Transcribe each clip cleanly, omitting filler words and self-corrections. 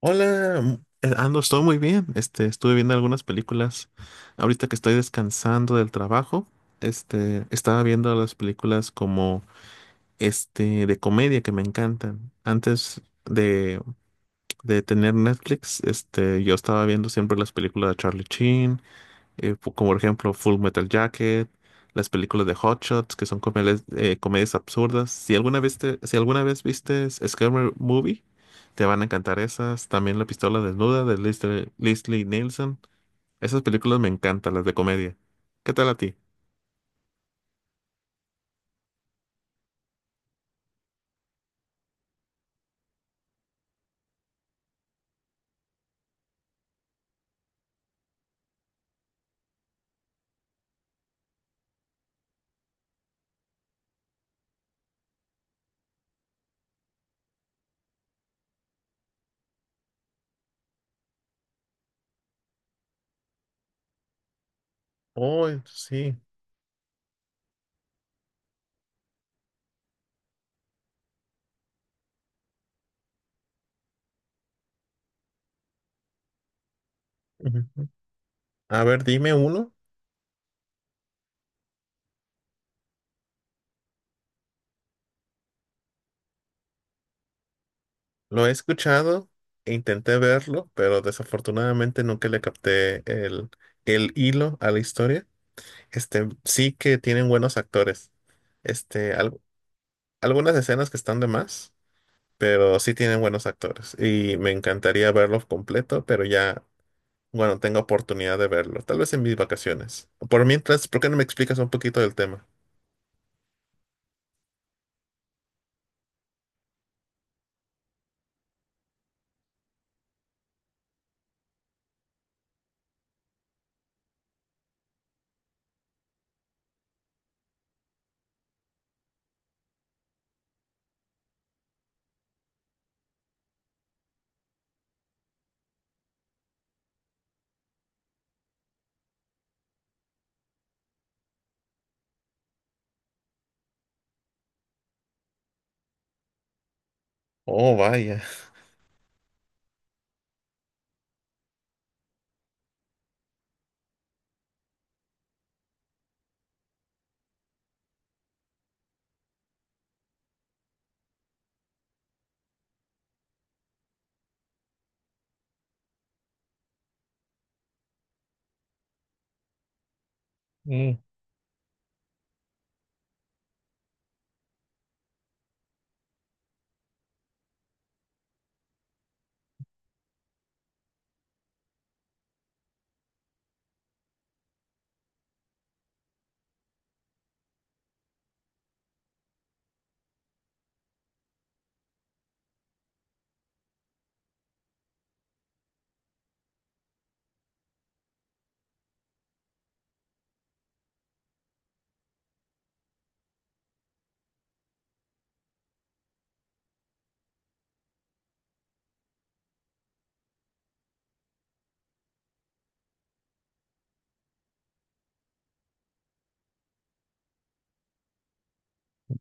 Hola, estoy muy bien. Estuve viendo algunas películas. Ahorita que estoy descansando del trabajo, estaba viendo las películas como de comedia que me encantan. Antes de tener Netflix, yo estaba viendo siempre las películas de Charlie Sheen, como por ejemplo Full Metal Jacket, las películas de Hot Shots, que son comedias, comedias absurdas. Si alguna vez viste Scary Movie, te van a encantar esas. También La Pistola Desnuda de Leslie Nielsen. Esas películas me encantan, las de comedia. ¿Qué tal a ti? Oh, sí. Ujú. A ver, dime uno. Lo he escuchado e intenté verlo, pero desafortunadamente nunca le capté el hilo a la historia. Sí que tienen buenos actores. Este, al- algunas escenas que están de más, pero sí tienen buenos actores. Y me encantaría verlo completo, pero ya, bueno, tengo oportunidad de verlo. Tal vez en mis vacaciones. Por mientras, ¿por qué no me explicas un poquito del tema? Oh, vaya. Mm.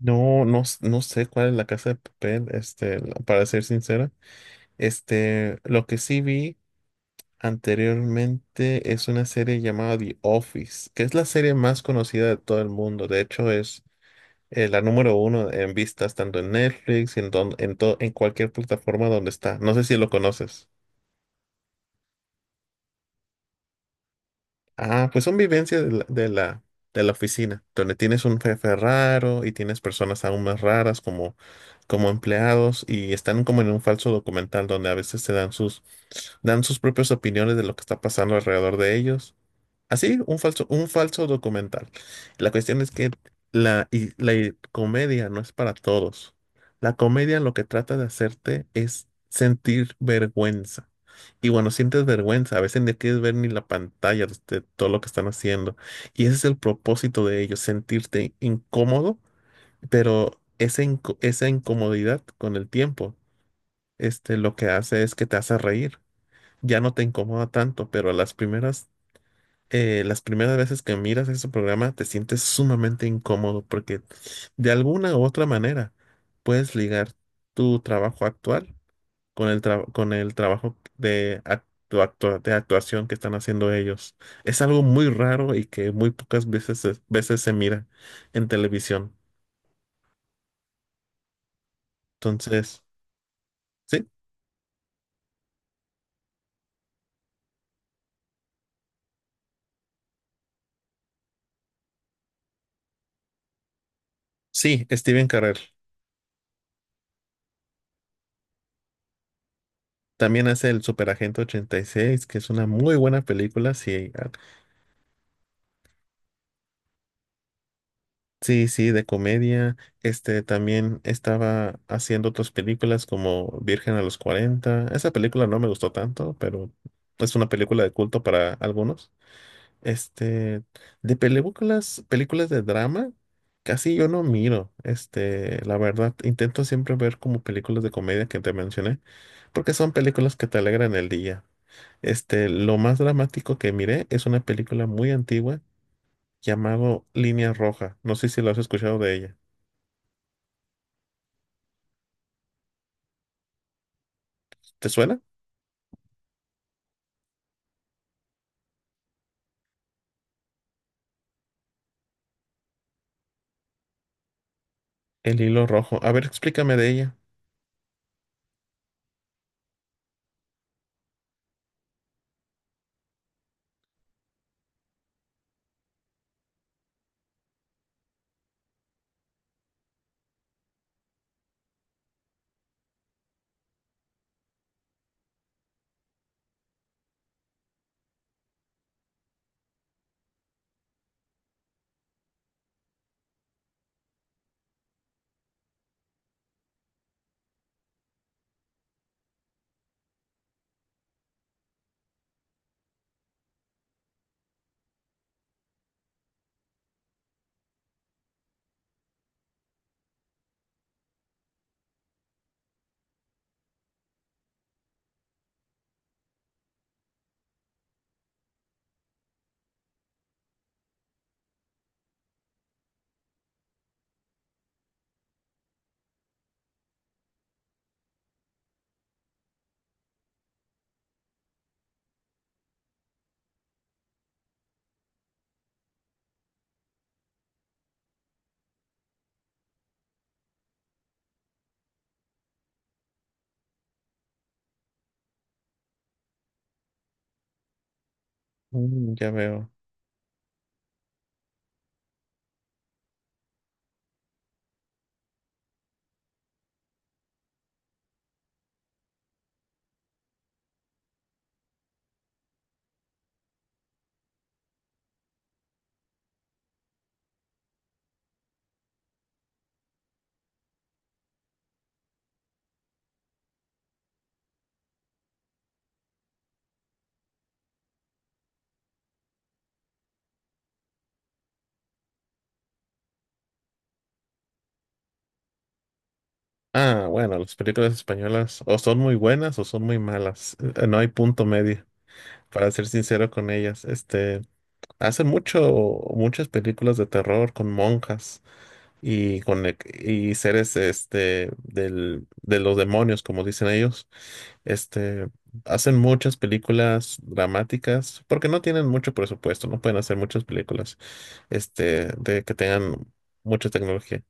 No, no, no sé cuál es La Casa de Papel, para ser sincera. Lo que sí vi anteriormente es una serie llamada The Office, que es la serie más conocida de todo el mundo. De hecho, es la número uno en vistas tanto en Netflix y en cualquier plataforma donde está. No sé si lo conoces. Ah, pues son vivencias de de la oficina, donde tienes un jefe raro y tienes personas aún más raras como empleados y están como en un falso documental donde a veces dan sus propias opiniones de lo que está pasando alrededor de ellos. Así, un falso documental. La cuestión es que la comedia no es para todos. La comedia lo que trata de hacerte es sentir vergüenza. Y bueno, sientes vergüenza, a veces ni quieres ver ni la pantalla de todo lo que están haciendo. Y ese es el propósito de ellos, sentirte incómodo, pero esa incomodidad con el tiempo, lo que hace es que te hace reír. Ya no te incomoda tanto, pero las primeras veces que miras ese programa te sientes sumamente incómodo porque de alguna u otra manera puedes ligar tu trabajo actual con el trabajo de actuación que están haciendo ellos. Es algo muy raro y que muy pocas veces, se mira en televisión. Entonces, sí, sí, Steven Carell. También hace el Superagente 86, que es una muy buena película. Si. Sí, sí, de comedia. Este también estaba haciendo otras películas como Virgen a los Cuarenta. Esa película no me gustó tanto, pero es una película de culto para algunos. Este, de películas, películas de drama, casi yo no miro. La verdad, intento siempre ver como películas de comedia que te mencioné, porque son películas que te alegran el día. Lo más dramático que miré es una película muy antigua llamado Línea Roja. No sé si lo has escuchado de ella. ¿Te suena? El hilo rojo. A ver, explícame de ella. Mm, ya veo. Ah, bueno, las películas españolas o son muy buenas o son muy malas. No hay punto medio, para ser sincero con ellas. Hacen mucho, muchas películas de terror con monjas. y, con, e- y seres del, de los demonios, como dicen ellos. Este, hacen muchas películas dramáticas porque no tienen mucho presupuesto, no pueden hacer muchas películas de que tengan mucha tecnología.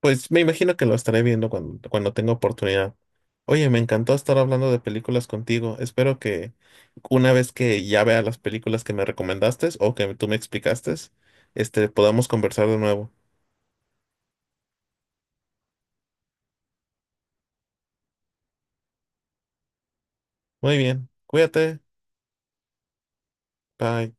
Pues me imagino que lo estaré viendo cuando tenga oportunidad. Oye, me encantó estar hablando de películas contigo. Espero que una vez que ya vea las películas que me recomendaste o que tú me explicaste, podamos conversar de nuevo. Muy bien, cuídate, bye.